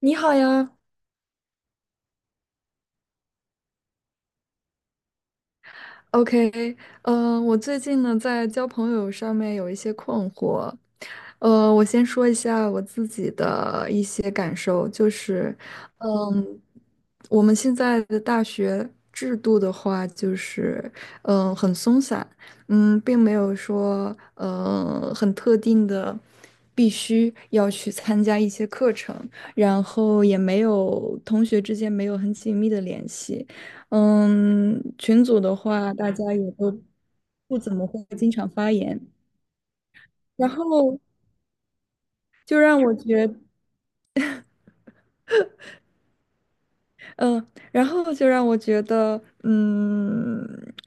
你好呀。OK，我最近呢在交朋友上面有一些困惑。我先说一下我自己的一些感受，就是，嗯，我们现在的大学制度的话，就是，很松散。并没有说，很特定的。必须要去参加一些课程，然后也没有同学之间没有很紧密的联系。群组的话，大家也都不怎么会经常发言。然后就让我觉，嗯、就让我觉得，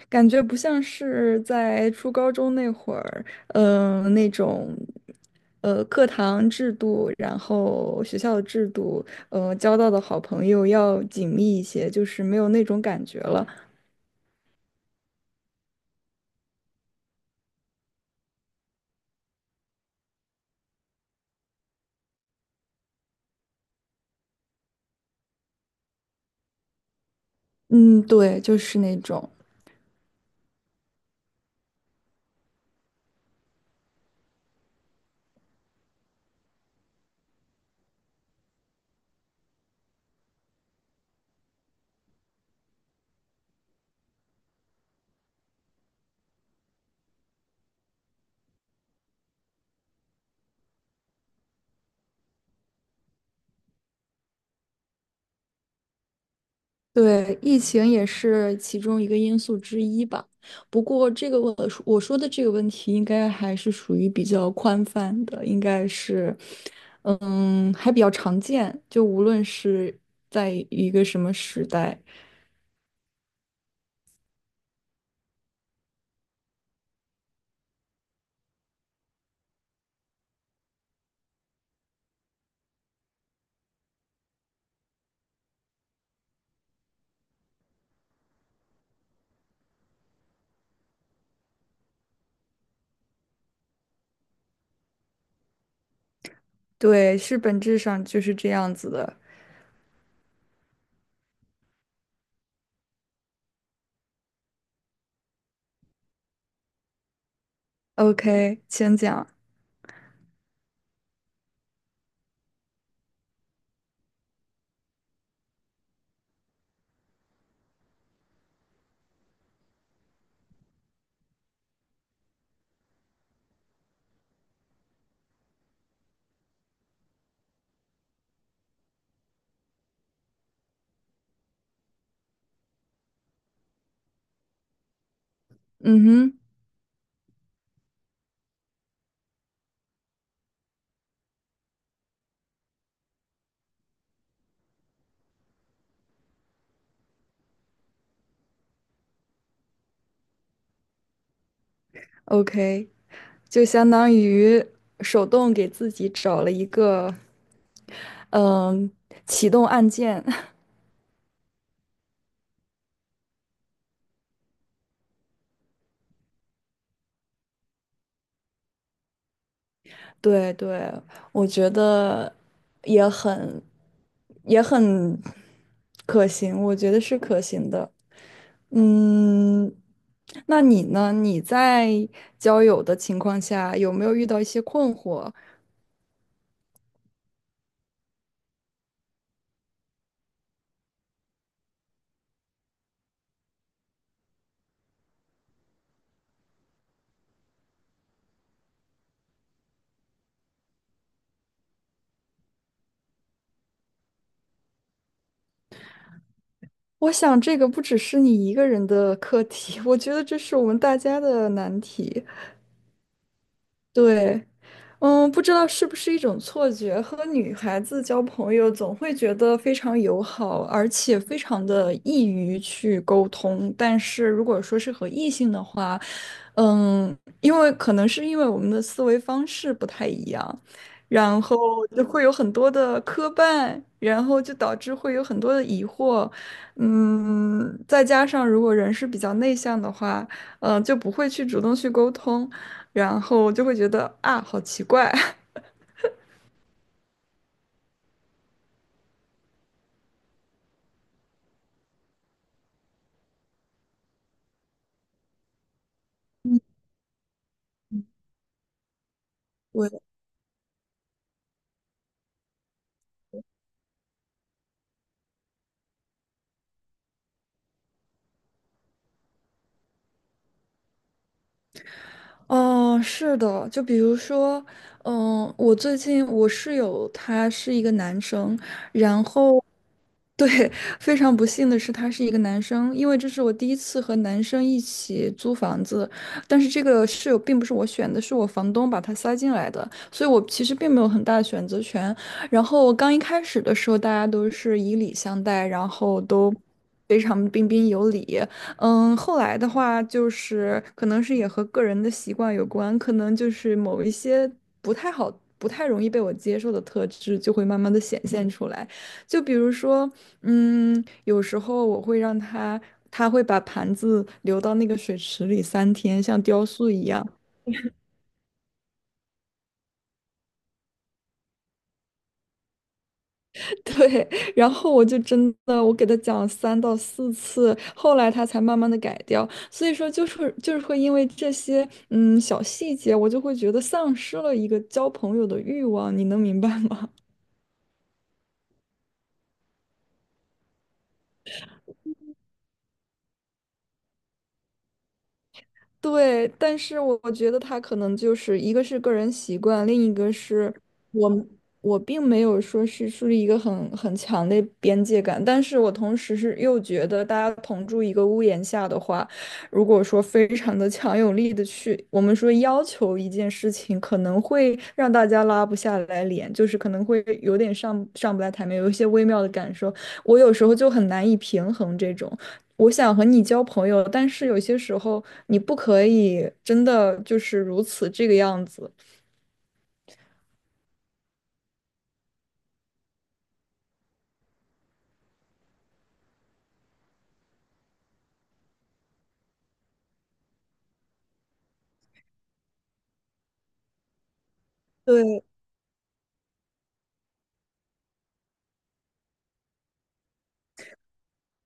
感觉不像是在初高中那会儿，那种，课堂制度，然后学校的制度，交到的好朋友要紧密一些，就是没有那种感觉了。嗯，对，就是那种。对，疫情也是其中一个因素之一吧。不过，这个我说我说的这个问题，应该还是属于比较宽泛的，应该是，还比较常见。就无论是在一个什么时代，对，是本质上就是这样子的。OK,请讲。嗯哼。OK,就相当于手动给自己找了一个，嗯，启动按键。对对，我觉得也很也很可行，我觉得是可行的。嗯，那你呢？你在交友的情况下，有没有遇到一些困惑？我想这个不只是你一个人的课题，我觉得这是我们大家的难题。对，不知道是不是一种错觉，和女孩子交朋友总会觉得非常友好，而且非常的易于去沟通。但是如果说是和异性的话，因为可能是因为我们的思维方式不太一样，然后就会有很多的磕绊，然后就导致会有很多的疑惑。再加上如果人是比较内向的话，就不会去主动去沟通，然后就会觉得啊，好奇怪。哦，是的，就比如说，我最近我室友他是一个男生，然后，对，非常不幸的是他是一个男生，因为这是我第一次和男生一起租房子，但是这个室友并不是我选的，是我房东把他塞进来的，所以我其实并没有很大的选择权。然后我刚一开始的时候，大家都是以礼相待，然后都非常彬彬有礼。后来的话就是可能是也和个人的习惯有关，可能就是某一些不太好、不太容易被我接受的特质就会慢慢的显现出来。就比如说，有时候我会让他，他会把盘子留到那个水池里3天，像雕塑一样。对，然后我就真的，我给他讲了3到4次，后来他才慢慢的改掉。所以说，就是会因为这些小细节，我就会觉得丧失了一个交朋友的欲望，你能明白吗？对，但是我觉得他可能就是一个是个人习惯，另一个是我我并没有说是树立一个很强的边界感，但是我同时是又觉得大家同住一个屋檐下的话，如果说非常的强有力的去，我们说要求一件事情，可能会让大家拉不下来脸，就是可能会有点上不来台面，有一些微妙的感受，我有时候就很难以平衡这种。我想和你交朋友，但是有些时候你不可以真的就是如此这个样子。对，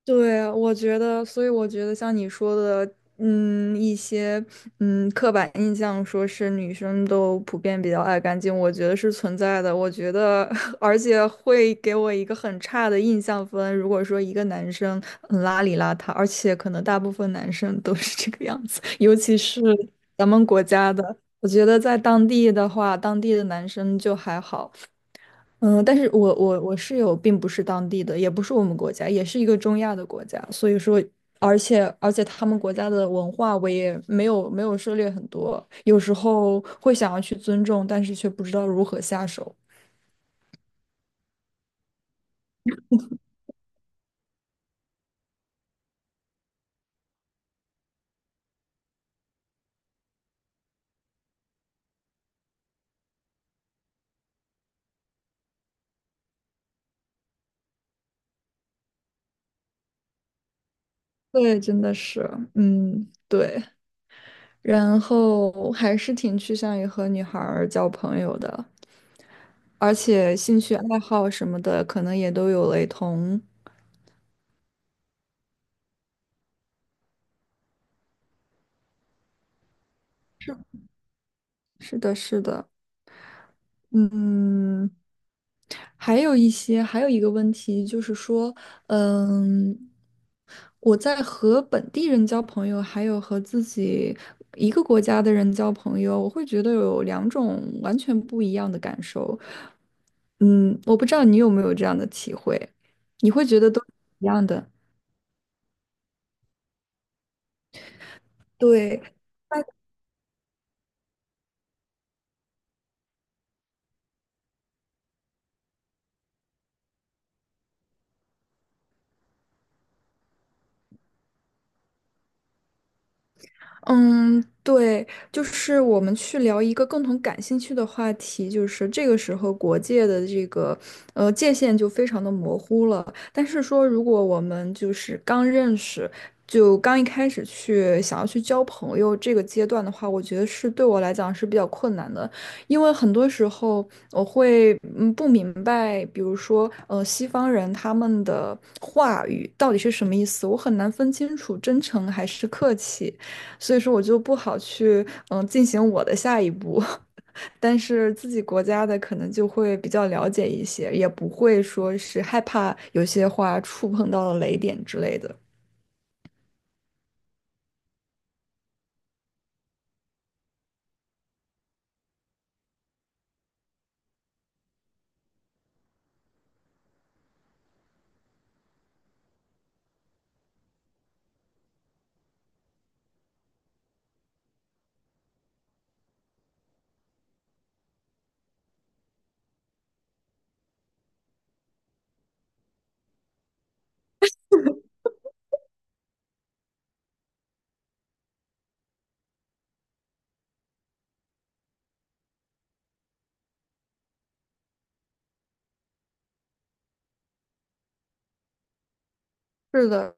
对，我觉得，所以我觉得像你说的，一些刻板印象，说是女生都普遍比较爱干净，我觉得是存在的。我觉得，而且会给我一个很差的印象分。如果说一个男生很邋里邋遢，而且可能大部分男生都是这个样子，尤其是咱们国家的，我觉得在当地的话，当地的男生就还好。但是我室友并不是当地的，也不是我们国家，也是一个中亚的国家，所以说，而且他们国家的文化我也没有涉猎很多，有时候会想要去尊重，但是却不知道如何下手。对，真的是，嗯，对，然后还是挺趋向于和女孩儿交朋友的，而且兴趣爱好什么的可能也都有雷同。是的，是的。嗯。还有一个问题就是说，嗯，我在和本地人交朋友，还有和自己一个国家的人交朋友，我会觉得有两种完全不一样的感受。嗯，我不知道你有没有这样的体会，你会觉得都一样的。对，嗯，对，就是我们去聊一个共同感兴趣的话题，就是这个时候国界的这个界限就非常的模糊了。但是说，如果我们就是刚认识，就刚一开始去想要去交朋友这个阶段的话，我觉得是对我来讲是比较困难的，因为很多时候我会不明白，比如说西方人他们的话语到底是什么意思，我很难分清楚真诚还是客气。所以说我就不好去进行我的下一步。但是自己国家的可能就会比较了解一些，也不会说是害怕有些话触碰到了雷点之类的。是的，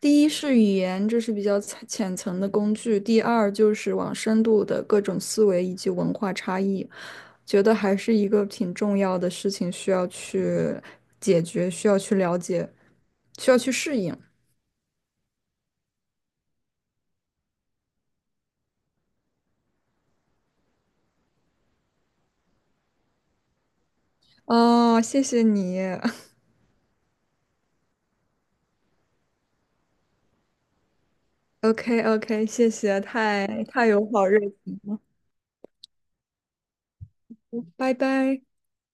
第一是语言，这是比较浅层的工具；第二就是往深度的各种思维以及文化差异，觉得还是一个挺重要的事情，需要去解决，需要去了解，需要去适应。哦，谢谢你。OK OK,谢谢，太太有好日子，拜拜。